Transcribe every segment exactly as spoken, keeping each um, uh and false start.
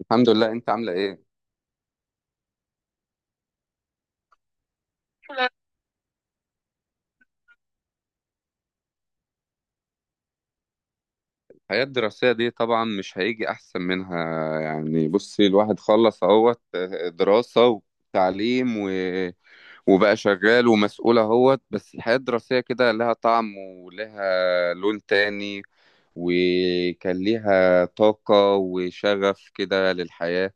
الحمد لله. انت عامله ايه؟ الحياه الدراسيه دي طبعا مش هيجي احسن منها. يعني بصي، الواحد خلص اهوت آه، دراسه وتعليم و... وبقى شغال ومسؤول اهوت. بس الحياه الدراسيه كده لها طعم ولها لون تاني، وكان ليها طاقه وشغف كده للحياه.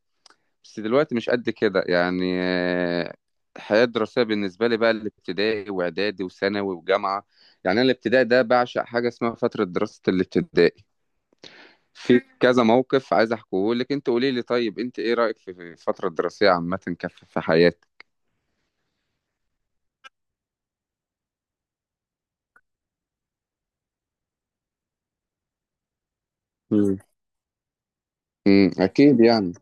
بس دلوقتي مش قد كده يعني آه، الحياة الدراسية بالنسبة لي بقى الابتدائي وإعدادي وثانوي وجامعة. يعني أنا الابتدائي ده بعشق حاجة اسمها فترة دراسة الابتدائي. في كذا موقف عايز أحكيه لك. أنت قولي لي، طيب أنت إيه رأيك في في الفترة الدراسية عامة كف في حياتك؟ مم. امم، اكيد يعني.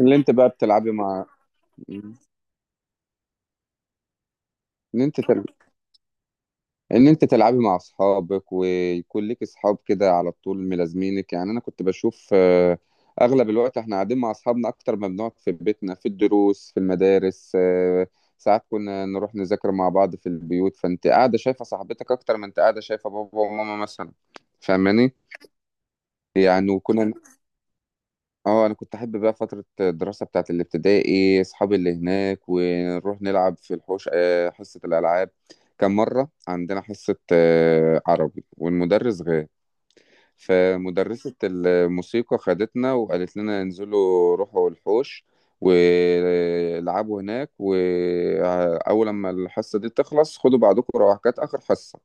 اللي انت بقى بتلعبي مع. اللي انت تل... ان انت تلعبي مع اصحابك ويكون لك اصحاب كده على طول ملازمينك. يعني انا كنت بشوف آه، اغلب الوقت احنا قاعدين مع اصحابنا اكتر ما بنقعد في بيتنا، في الدروس في المدارس. آه، ساعات كنا نروح نذاكر مع بعض في البيوت، فانت قاعده شايفه صاحبتك اكتر ما انت قاعده شايفه بابا وماما مثلا. فاهماني؟ يعني وكنا. اه، انا كنت احب بقى فتره الدراسه بتاعت الابتدائي، اصحابي اللي هناك ونروح نلعب في الحوش آه، حصه الالعاب. كان مره عندنا حصه آه، عربي والمدرس غاب، فمدرسه الموسيقى خدتنا وقالت لنا انزلوا روحوا الحوش والعبوا هناك، واول لما الحصه دي تخلص خدوا بعضكم روح، كانت اخر حصه.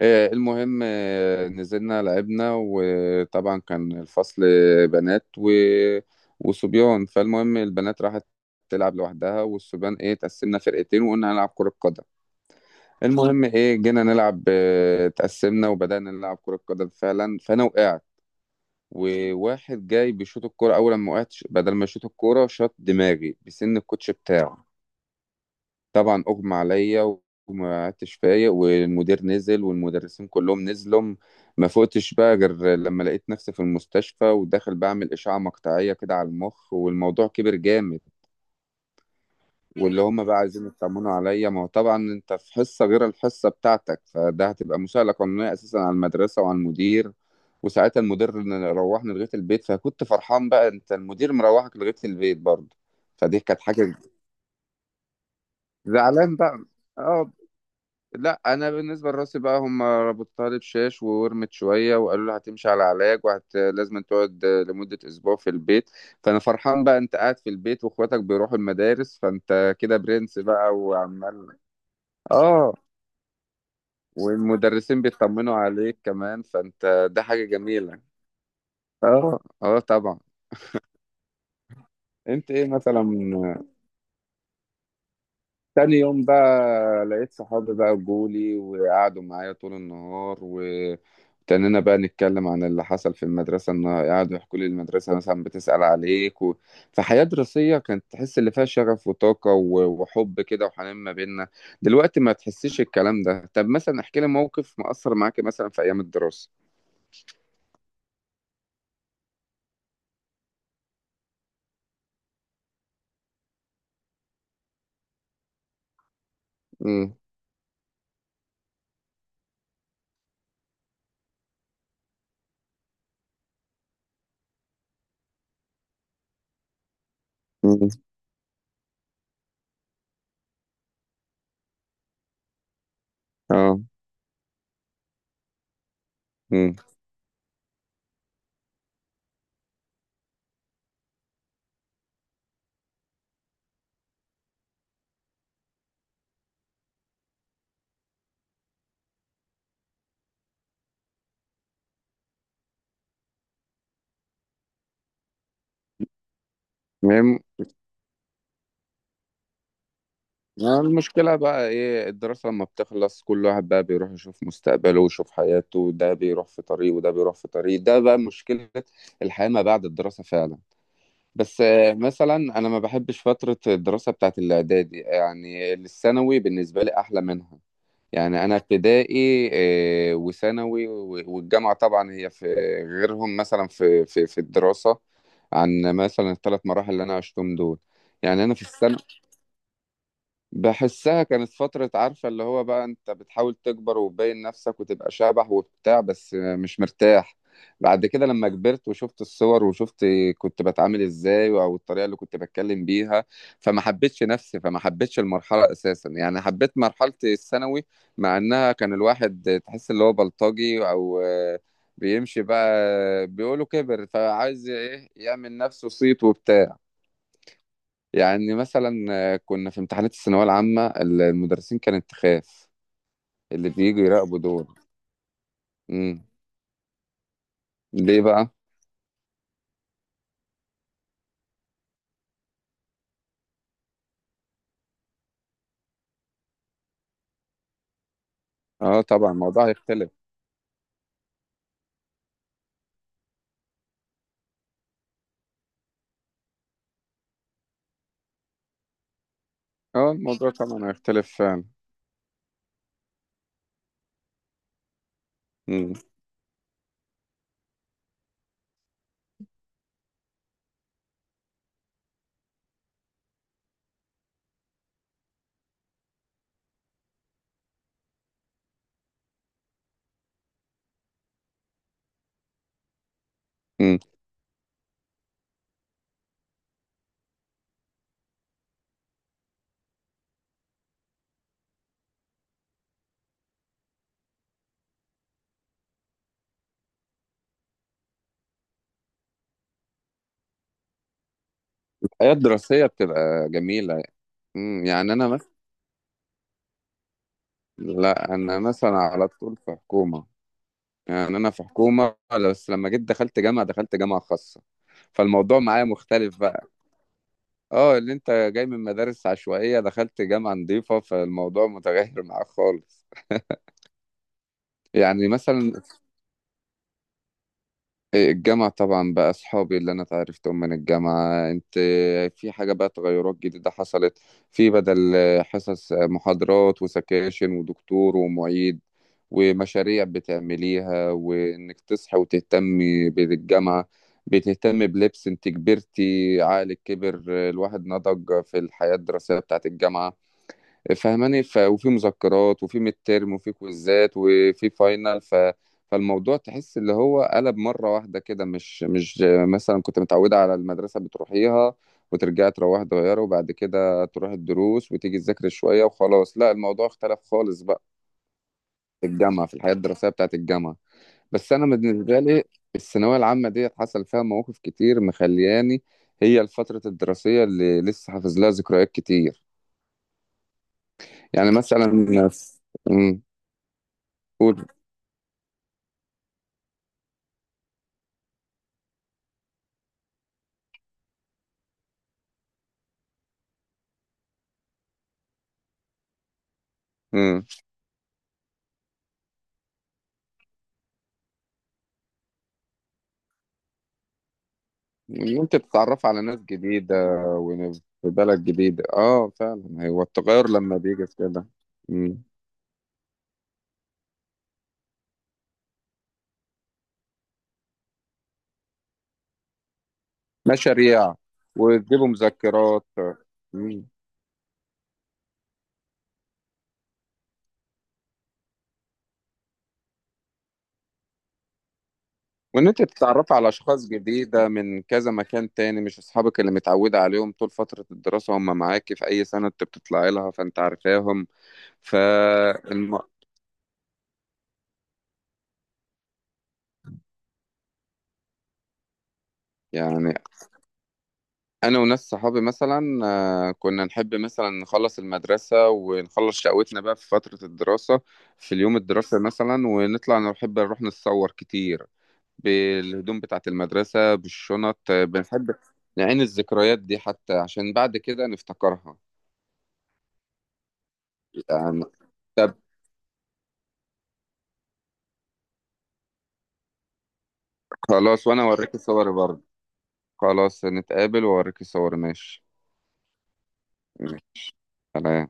آه، المهم، آه، نزلنا لعبنا. وطبعا كان الفصل بنات و... وصبيان. فالمهم البنات راحت تلعب لوحدها، والصبيان ايه تقسمنا فرقتين وقلنا هنلعب كرة قدم. المهم ايه جينا نلعب، آه، تقسمنا وبدأنا نلعب كرة قدم فعلا. فانا وقعت، وواحد جاي بيشوط الكرة، اول ما وقعت بدل ما يشوط الكرة شاط دماغي بسن الكوتش بتاعه. طبعا اغمى عليا وما عدتش فايق. والمدير نزل والمدرسين كلهم نزلوا. ما فقتش بقى غير لما لقيت نفسي في المستشفى وداخل بعمل اشعه مقطعيه كده على المخ، والموضوع كبر جامد. واللي هم بقى عايزين يطمنوا عليا، ما هو طبعا انت في حصه غير الحصه بتاعتك، فده هتبقى مساءله قانونيه اساسا على المدرسه وعلى المدير. وساعتها المدير روحني لغايه البيت، فكنت فرحان بقى، انت المدير مروحك لغايه البيت برضه، فدي كانت حاجه. زعلان بقى. اه. لا، انا بالنسبه لراسي بقى، هم ربطتها لي بشاش وورمت شويه وقالوا لي هتمشي على علاج وهت لازم تقعد لمده اسبوع في البيت. فانا فرحان بقى، انت قاعد في البيت واخواتك بيروحوا المدارس، فانت كده برنس بقى وعمال. اه. والمدرسين بيطمنوا عليك كمان، فانت ده حاجه جميله. اه، اه، طبعا. انت ايه مثلا. تاني يوم بقى لقيت صحابي بقى جولي وقعدوا معايا طول النهار، وابتدينا بقى نتكلم عن اللي حصل في المدرسة، إن قعدوا يحكوا لي المدرسة مثلا بتسأل عليك و... فحياة دراسية كانت تحس اللي فيها شغف وطاقة و... وحب كده وحنان ما بيننا. دلوقتي ما تحسيش الكلام ده. طب مثلا احكي لي موقف مأثر معاك مثلا في أيام الدراسة. امم. امم. اه. امم. يعني المشكلة بقى ايه، الدراسة لما بتخلص كل واحد بقى بيروح يشوف مستقبله ويشوف حياته، ده بيروح في طريق وده بيروح في طريق، ده بقى مشكلة. الحياة ما بعد الدراسة فعلا. بس آه، مثلا انا ما بحبش فترة الدراسة بتاعت الاعدادي، يعني الثانوي بالنسبة لي احلى منها. يعني انا ابتدائي آه، وثانوي و- والجامعة طبعا هي في غيرهم. مثلا في في في الدراسة، عن مثلا الثلاث مراحل اللي انا عشتهم دول. يعني انا في السنة بحسها كانت فترة، عارفة اللي هو بقى انت بتحاول تكبر وتبين نفسك وتبقى شبح وبتاع بس مش مرتاح. بعد كده لما كبرت وشفت الصور وشفت كنت بتعامل ازاي او الطريقة اللي كنت بتكلم بيها، فما حبيتش نفسي، فما حبيتش المرحلة اساسا. يعني حبيت مرحلة الثانوي، مع انها كان الواحد تحس اللي هو بلطجي او آه، بيمشي بقى، بيقولوا كبر فعايز ايه يعمل نفسه صيت وبتاع. يعني مثلا آه، كنا في امتحانات الثانوية العامة ال- المدرسين كانت تخاف اللي بييجوا يراقبوا دول. امم. ليه بقى؟ اه طبعا الموضوع هيختلف. اه الموضوع طبعا هيختلف فعلا. امم. امم. الحياة الدراسية بتبقى جميلة. امم، يعني أنا مثلا. لا أنا مثلا على طول في حكومة، يعني أنا في حكومة، بس لما جيت دخلت جامعة دخلت جامعة خاصة، فالموضوع معايا مختلف بقى. اه، اللي انت جاي من مدارس عشوائية دخلت جامعة نظيفة، فالموضوع متغير معاك خالص. يعني مثلا آه، الجامعة طبعا بقى أصحابي اللي أنا اتعرفتهم من الجامعة، أنت في حاجة بقى تغيرات جديدة حصلت. في بدل حصص محاضرات وسكاشن ودكتور ومعيد، ومشاريع بتعمليها، وإنك تصحي وتهتمي بالجامعة، بتهتمي بلبس. أنت كبرتي، عقلك كبر، الواحد نضج في الحياة الدراسية بتاعت الجامعة. فاهماني؟ ف... وفي مذكرات وفي ميد تيرم وفي كويزات وفي فاينل ف... فالموضوع تحس اللي هو قلب مرة واحدة كده مش مش مثلا كنت متعودة على المدرسة بتروحيها وترجعي تروحي تغيري، وبعد كده تروحي الدروس وتيجي تذاكري شوية وخلاص. لا، الموضوع اختلف خالص بقى في الجامعة، في الحياة الدراسية بتاعت الجامعة. بس أنا بالنسبة لي، الثانوية العامة ديت حصل فيها مواقف كتير مخلياني، هي الفترة الدراسية اللي لسه حافظ لها ذكريات كتير. يعني مثلا. مم. قول. امم. ان انت تتعرف على ناس جديده، وإن في. بلد جديده، اه فعلا، هو التغير لما بيجي في كده. امم. مشاريع وتجيبوا مذكرات. امم. وان انت تتعرف على اشخاص جديده من كذا مكان تاني، مش اصحابك اللي متعوده عليهم طول فتره الدراسه هم معاكي في اي سنه انت بتطلعي لها فانت عارفاهم فالم... يعني انا وناس صحابي مثلا آه، كنا نحب مثلا نخلص المدرسه ونخلص شقوتنا بقى في فتره الدراسه، في اليوم الدراسي مثلا، ونطلع نحب نروح نتصور كتير بالهدوم بتاعه المدرسه بالشنط. آه، بنحب نعين الذكريات دي حتى عشان بعد كده نفتكرها. يعني طب، خلاص وانا اوريك صوري برضه. خلاص نتقابل واوريك صوري، ماشي. ماشي. سلام.